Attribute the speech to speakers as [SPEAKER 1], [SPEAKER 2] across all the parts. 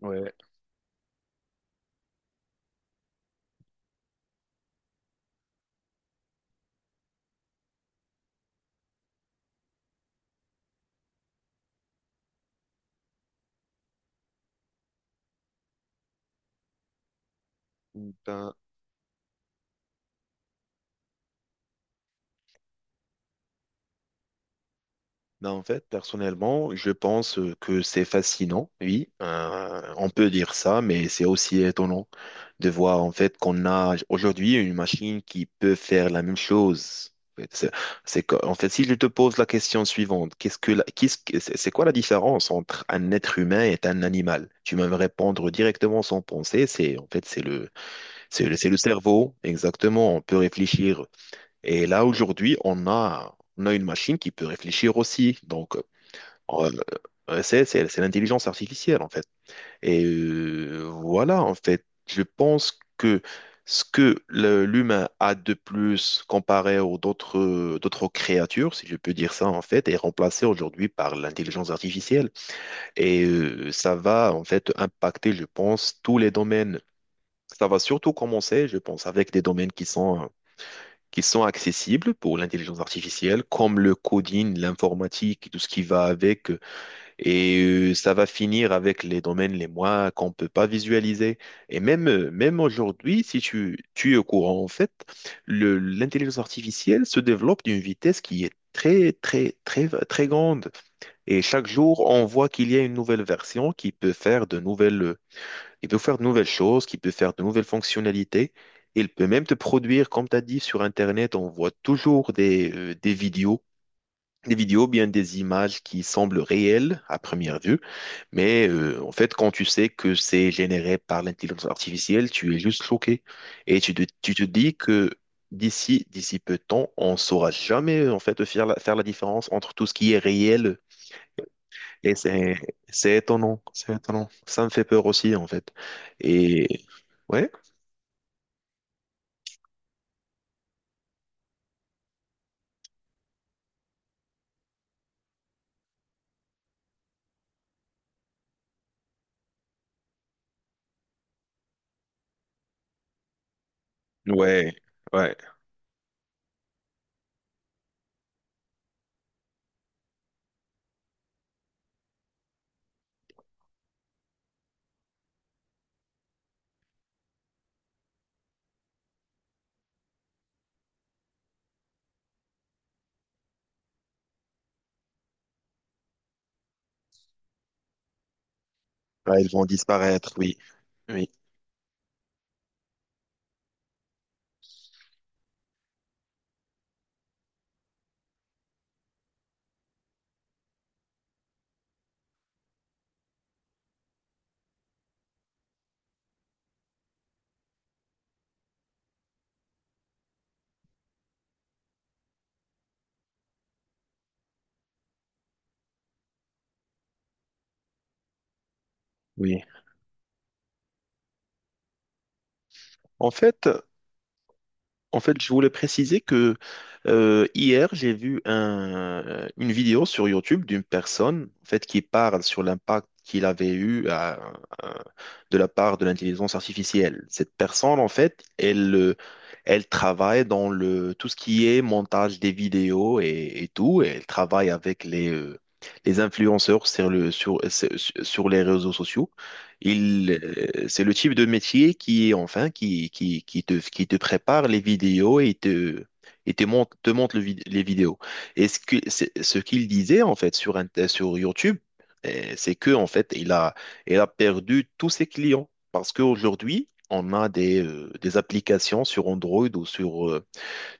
[SPEAKER 1] Ouais. Ben, en fait, personnellement, je pense que c'est fascinant, oui. On peut dire ça, mais c'est aussi étonnant de voir en fait qu'on a aujourd'hui une machine qui peut faire la même chose. C'est En fait, si je te pose la question suivante, qu'est-ce que la- qu'est-ce que- c'est quoi la différence entre un être humain et un animal? Tu vas me répondre directement sans penser. C'est en fait c'est le cerveau, exactement. On peut réfléchir. Et là, aujourd'hui, on a une machine qui peut réfléchir aussi. Donc, euh, c'est l'intelligence artificielle, en fait. Et voilà, en fait, je pense que l'humain a de plus comparé aux d'autres créatures, si je peux dire ça, en fait, est remplacé aujourd'hui par l'intelligence artificielle. Et ça va, en fait, impacter, je pense, tous les domaines. Ça va surtout commencer, je pense, avec des domaines qui sont accessibles pour l'intelligence artificielle, comme le coding, l'informatique, et tout ce qui va avec. Et ça va finir avec les domaines les moins qu'on ne peut pas visualiser. Et même, même aujourd'hui, si tu es au courant, en fait, l'intelligence artificielle se développe d'une vitesse qui est très, très, très, très grande. Et chaque jour, on voit qu'il y a une nouvelle version qui peut faire de nouvelles choses, qui peut faire de nouvelles fonctionnalités. Il peut même te produire, comme tu as dit, sur Internet, on voit toujours des, des vidéos, bien des images qui semblent réelles à première vue. Mais en fait, quand tu sais que c'est généré par l'intelligence artificielle, tu es juste choqué. Et tu te dis que d'ici peu de temps, on ne saura jamais en fait faire la différence entre tout ce qui est réel. Et c'est étonnant, c'est étonnant. Ça me fait peur aussi, en fait. Et ouais. Ouais, ouais, ouais, ils vont disparaître, oui, oui, oui. En fait, en fait, je voulais préciser que hier, j'ai vu une vidéo sur YouTube d'une personne, en fait, qui parle sur l'impact qu'il avait eu à- de la part de l'intelligence artificielle. Cette personne, en fait, elle, elle travaille dans le tout ce qui est montage des vidéos et tout, et elle travaille avec les influenceurs sur le sur sur sur les réseaux sociaux. Il, c'est le type de métier est enfin, qui te prépare les vidéos et te montre, les vidéos. Et ce qu'il disait, en fait, sur, sur YouTube, c'est que, en fait, il a perdu tous ses clients. Parce qu'aujourd'hui, on a des applications sur Android ou sur,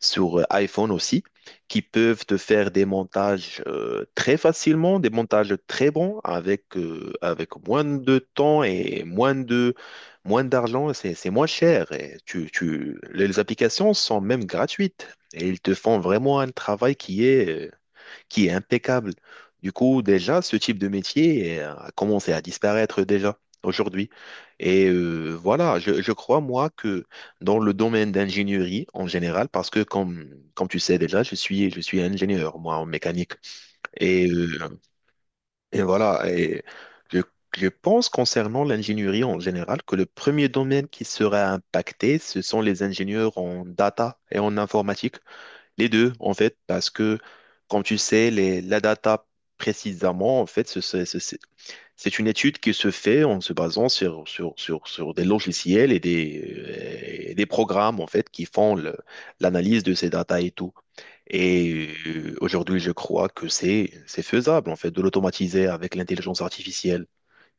[SPEAKER 1] iPhone aussi, qui peuvent te faire des montages très facilement, des montages très bons avec, avec moins de temps et moins d'argent. C'est moins cher. Et les applications sont même gratuites et ils te font vraiment un travail qui est impeccable. Du coup, déjà, ce type de métier a commencé à disparaître déjà aujourd'hui. Et voilà, je crois, moi, que dans le domaine d'ingénierie en général, parce que comme tu sais déjà, je suis ingénieur, moi, en mécanique. Et, euh, et voilà, et je, je pense concernant l'ingénierie en général que le premier domaine qui sera impacté, ce sont les ingénieurs en data et en informatique. Les deux, en fait, parce que, comme tu sais, la data précisément, en fait, c'est une étude qui se fait en se basant sur des logiciels et des programmes, en fait, qui font l'analyse de ces data et tout. Et aujourd'hui, je crois que c'est faisable, en fait, de l'automatiser avec l'intelligence artificielle.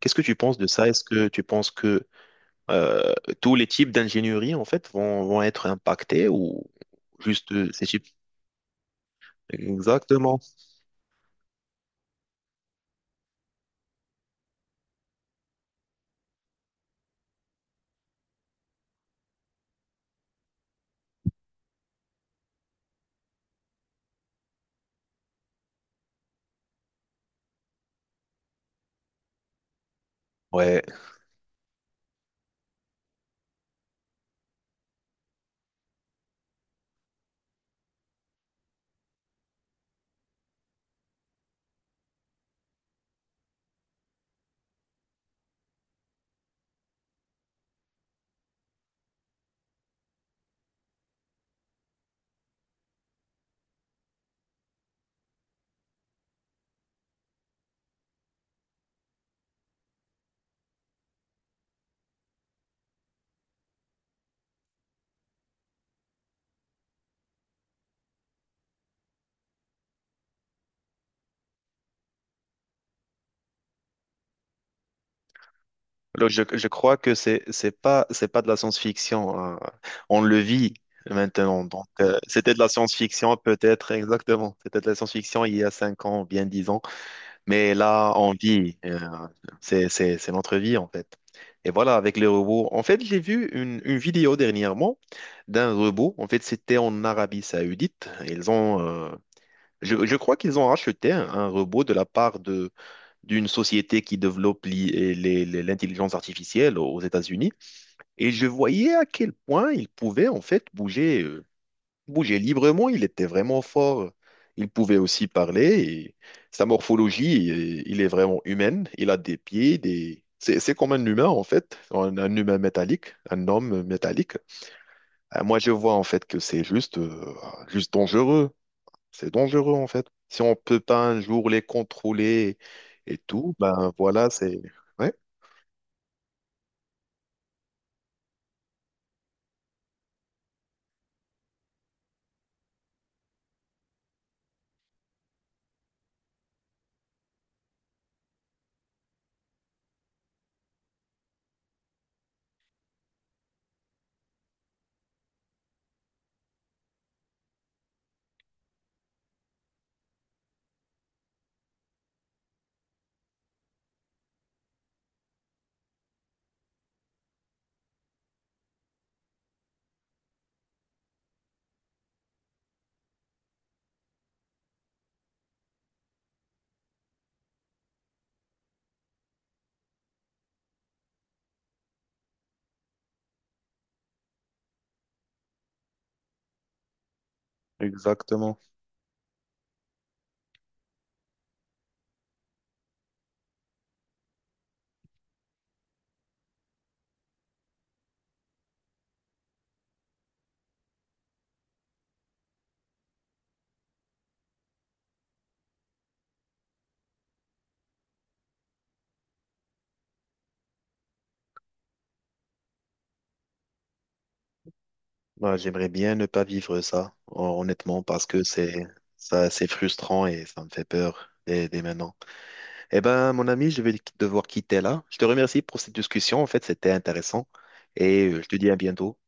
[SPEAKER 1] Qu'est-ce que tu penses de ça? Est-ce que tu penses que euh, tous les types d'ingénierie, en fait, vont être impactés ou juste ces types? Exactement. Ouais, alors je crois que c'est pas de la science-fiction, hein. On le vit maintenant. Donc c'était de la science-fiction peut-être exactement. C'était de la science-fiction il y a 5 ans, bien 10 ans. Mais là on vit. C'est notre vie en fait. Et voilà avec les robots. En fait j'ai vu une vidéo dernièrement d'un robot. En fait c'était en Arabie Saoudite. Ils ont je crois qu'ils ont racheté un robot de la part de. D'une société qui développe l'intelligence artificielle aux États-Unis. Et je voyais à quel point il pouvait en fait bouger, bouger librement. Il était vraiment fort. Il pouvait aussi parler. Et sa morphologie, il est vraiment humaine. Il a des pieds, des... c'est comme un humain en fait, un humain métallique, un homme métallique. Moi, je vois en fait que c'est juste, juste dangereux. C'est dangereux en fait. Si on peut pas un jour les contrôler et tout, ben voilà, c'est... Ouais, exactement. Ben, j'aimerais bien ne pas vivre ça, honnêtement, parce que c'est ça, c'est frustrant et ça me fait peur dès maintenant. Eh ben, mon ami, je vais devoir quitter là. Je te remercie pour cette discussion. En fait, c'était intéressant et je te dis à bientôt.